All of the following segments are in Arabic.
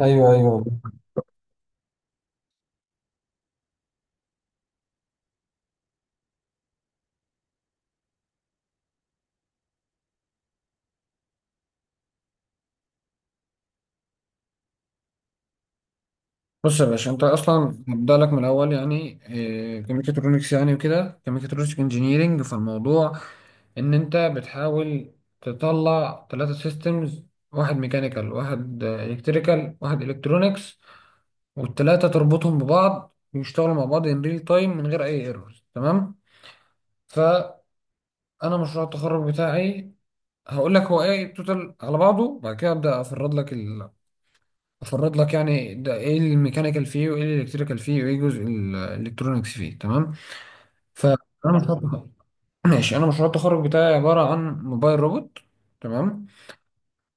ايوه ايوه، بص يا باشا، انت اصلا هبدأ لك من الاول يعني إيه كميكاترونكس. يعني وكده كميكاترونكس انجينيرنج، فالموضوع ان انت بتحاول تطلع ثلاثة سيستمز، واحد ميكانيكال واحد الكتريكال واحد الكترونكس، والثلاثة تربطهم ببعض ويشتغلوا مع بعض ان ريل تايم من غير اي ايرورز. تمام؟ فانا مشروع التخرج بتاعي هقول لك هو ايه توتال على بعضه، بعد كده ابدا افرد لك افرض لك يعني ده ايه الميكانيكال فيه وايه الالكتريكال فيه وايه جزء الالكترونكس فيه. تمام؟ فانا مشروع التخرج- ماشي، انا مشروع التخرج بتاعي عباره عن موبايل روبوت. تمام.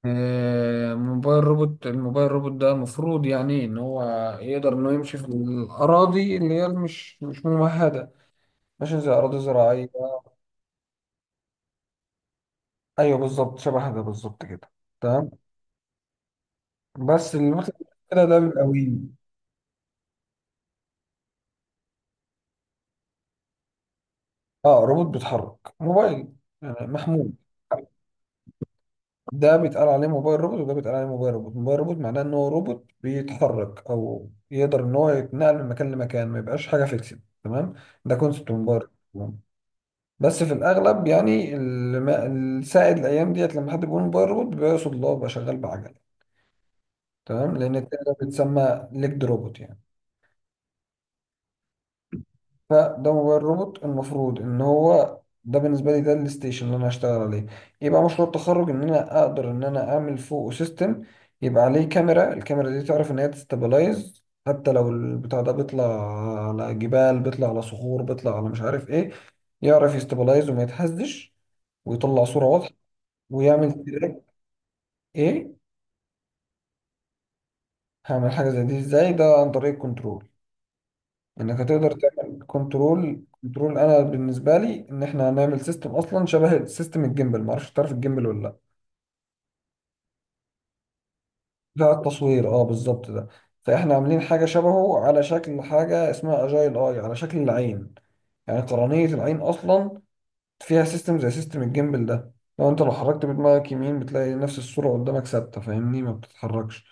موبايل روبوت، الموبايل روبوت ده المفروض يعني ان هو يقدر انه يمشي في الاراضي اللي هي مش ممهده، ماشي زي اراضي زراعيه. ايوه بالظبط شبه ده بالظبط كده. تمام. بس اللي مثلا كده ده بيبقى وين. اه، روبوت بيتحرك، موبايل يعني محمول. ده بيتقال عليه موبايل روبوت، وده بيتقال عليه موبايل روبوت. موبايل روبوت معناه ان هو روبوت بيتحرك او يقدر ان هو يتنقل من مكان لمكان، ما يبقاش حاجه فيكسد. تمام؟ ده كونسبت موبايل روبوت. بس في الاغلب يعني السائد الايام ديت، لما حد بيقول موبايل روبوت بيقصد اللي هو بيبقى شغال بعجله. تمام؟ لان التاني ده بيتسمى ليجد روبوت يعني. فده موبايل روبوت، المفروض ان هو ده بالنسبه لي ده الستيشن اللي انا هشتغل عليه. يبقى مشروع التخرج ان انا اقدر ان انا اعمل فوقه سيستم. يبقى عليه كاميرا، الكاميرا دي تعرف ان هي تستابلايز، حتى لو البتاع ده بيطلع على جبال، بيطلع على صخور، بيطلع على مش عارف ايه، يعرف يستابلايز وما يتهزش ويطلع صوره واضحه ويعمل تراك. ايه؟ هعمل حاجه زي دي ازاي؟ ده عن طريق كنترول. انك هتقدر تعمل كنترول. كنترول انا بالنسبه لي ان احنا هنعمل سيستم اصلا شبه سيستم الجيمبل. ما اعرفش، تعرف الجيمبل ولا لا؟ بتاع التصوير، اه بالظبط ده. فاحنا عاملين حاجه شبهه، على شكل حاجه اسمها اجايل اي، على شكل العين. يعني قرنيه العين اصلا فيها سيستم زي سيستم الجيمبل ده. لو انت لو حركت بدماغك يمين بتلاقي نفس الصوره قدامك ثابته، فاهمني، ما بتتحركش.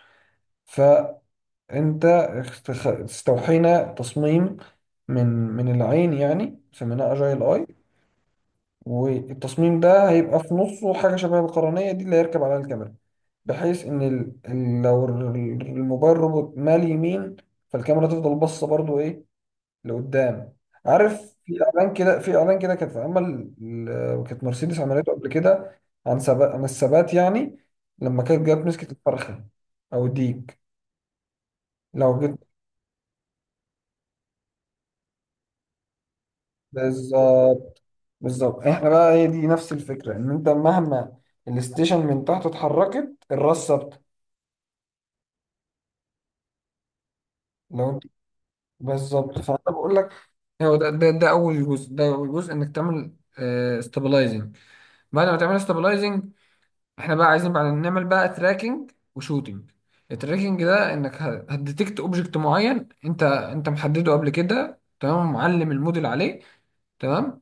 فانت استوحينا تصميم من العين يعني، سميناه اجايل اي. والتصميم ده هيبقى في نصه حاجة شبه القرنية دي اللي هيركب عليها الكاميرا، بحيث إن الموبايل روبوت مال يمين، فالكاميرا تفضل باصة برضو إيه، لقدام. عارف في إعلان كده؟ في إعلان كده كانت كانت مرسيدس عملته قبل كده عن ثبات، عن الثبات يعني. لما كانت جت مسكت الفرخة أو الديك. لو جيت بالظبط، بالظبط. إحنا بقى هي دي نفس الفكرة، إن أنت مهما الستيشن من تحت اتحركت، الراس ثابتة. لو انت بالظبط. فانا بقول لك هو ده اول جزء. ده اول جزء، انك تعمل استابلايزنج. بعد ما تعمل استابلايزنج، احنا بقى عايزين بعد نعمل بقى تراكنج وشوتنج. التراكنج ده انك هتديتكت اوبجكت معين، انت محدده قبل كده، تمام، معلم الموديل عليه. تمام؟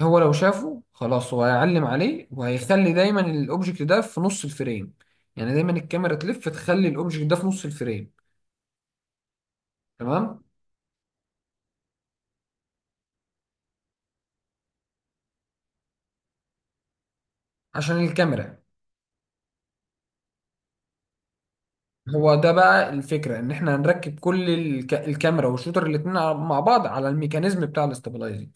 هو لو شافه خلاص هو هيعلم عليه وهيخلي دايما الاوبجكت ده في نص الفريم. يعني دايما الكاميرا تلف تخلي الاوبجكت ده في نص الفريم. تمام. عشان الكاميرا. هو ده بقى الفكرة، ان احنا هنركب كل الكاميرا والشوتر الاتنين مع بعض على الميكانيزم بتاع الاستابلايزنج.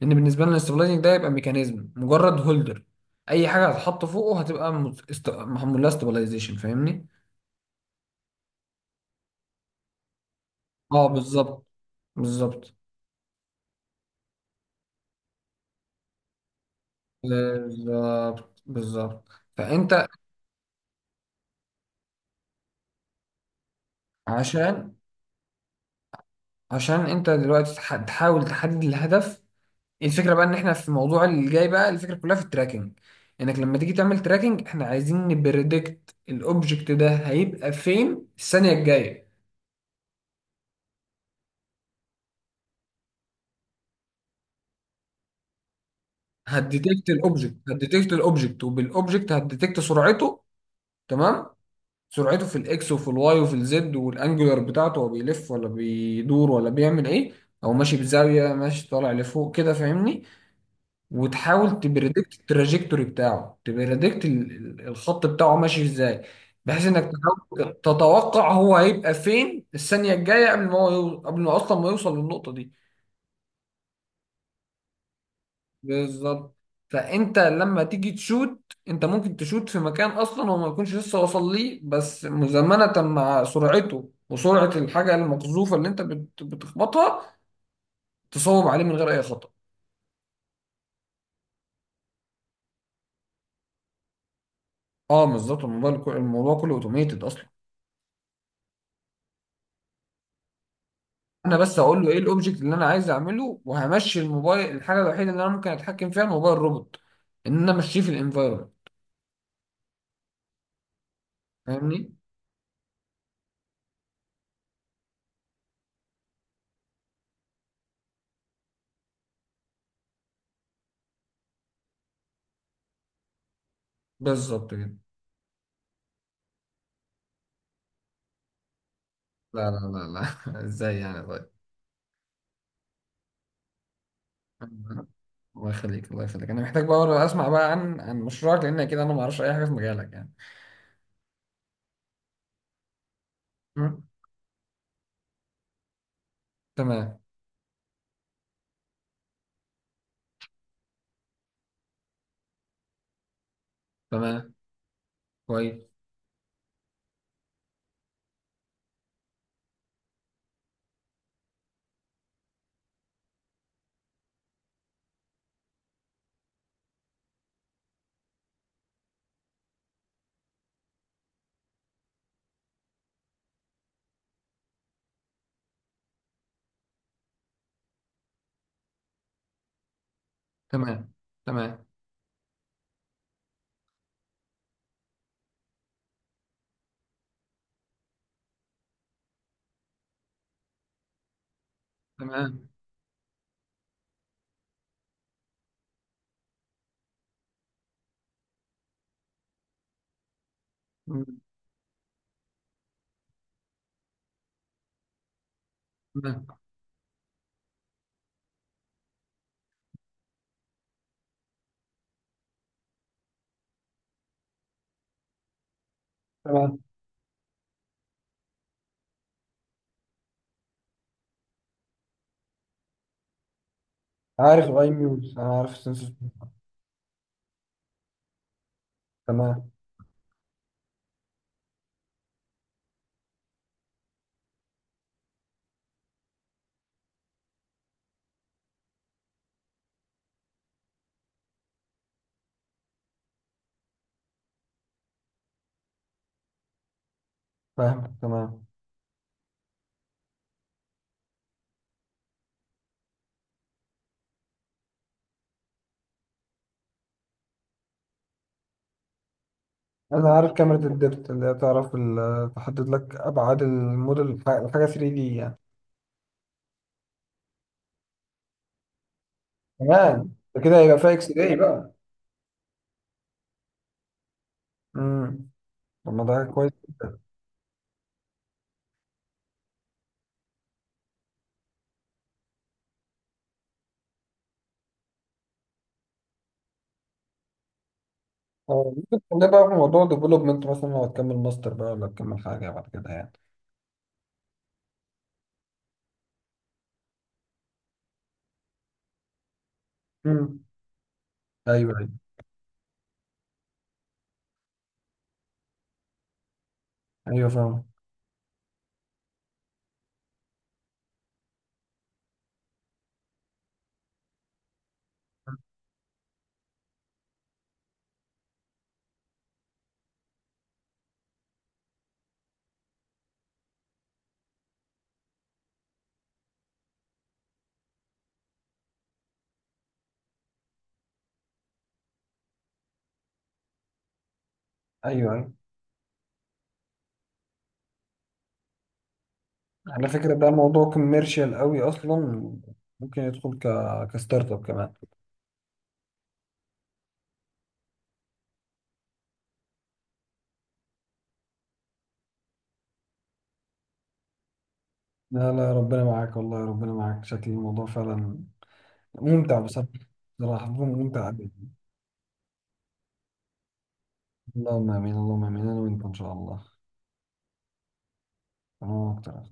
لان بالنسبة لنا الاستابلايزنج ده يبقى ميكانيزم، مجرد هولدر. اي حاجة هتتحط فوقه هتبقى محمول لها استابلايزيشن، فاهمني؟ اه بالظبط بالظبط. بالظبط بالظبط. فانت عشان عشان انت دلوقتي تحاول تحدد الهدف. الفكره بقى ان احنا في الموضوع اللي جاي بقى، الفكره كلها في التراكنج. انك لما تيجي تعمل تراكنج احنا عايزين نبريدكت الاوبجكت ده هيبقى فين الثانيه الجايه. هتديتكت الاوبجكت، هتديتكت الاوبجكت، وبالاوبجكت هتديتكت سرعته. تمام؟ سرعته في الاكس وفي الواي وفي الزد، والانجولار بتاعته، هو بيلف ولا بيدور ولا بيعمل ايه، او ماشي بزاويه، ماشي طالع لفوق كده، فاهمني؟ وتحاول تبريدكت التراجكتوري بتاعه، تبريدكت الخط بتاعه ماشي ازاي، بحيث انك تحاول تتوقع هو هيبقى فين الثانية الجاية، قبل ما هو قبل ما اصلا ما يوصل للنقطة دي. بالظبط. فانت لما تيجي تشوت، انت ممكن تشوت في مكان اصلا هو ما يكونش لسه وصل ليه، بس مزامنة مع سرعته وسرعة الحاجة المقذوفة اللي انت بتخبطها، تصوب عليه من غير اي خطأ. اه بالظبط. الموضوع كله اوتوميتد اصلا. انا بس هقول له ايه الاوبجكت اللي انا عايز اعمله، وهمشي الموبايل. الحاجه الوحيده اللي انا ممكن اتحكم فيها الموبايل روبوت، ان انا امشيه في الانفايرمنت، فاهمني؟ بالظبط كده. لا لا لا. لا ازاي يعني؟ طيب. الله يخليك، الله يخليك. انا محتاج بقى اسمع بقى عن مشروعك، لان كده انا ما اعرفش اي حاجه في مجالك يعني. م؟ تمام. تمام. كويس. تمام. تمام. تمام. م. تمام. تمام. عارف الاي ميوز، انا عارف السنسور. تمام. فاهم. تمام. انا عارف كاميرا الدبت، اللي هي تعرف تحدد لك ابعاد الموديل الحاجه 3D دي يعني. تمام، ده كده هيبقى فيها اكس راي بقى. امم. طب ما ده كويس جدا. اه، ممكن تخليها بقى في موضوع ديفلوبمنت مثلا، لو هتكمل ماستر بقى ولا تكمل حاجه بعد كده يعني. امم. ايوه ايوه. ايوه فاهم. ايوه ايوه. على فكره، ده موضوع كوميرشال قوي اصلا. ممكن يدخل كستارت اب كمان. لا لا، ربنا معاك، والله ربنا معاك. شكل الموضوع فعلا ممتع بصراحه. بصراحه ممتع. اللهم امين، اللهم امين. انا وانت ان شاء الله. انا اكتر.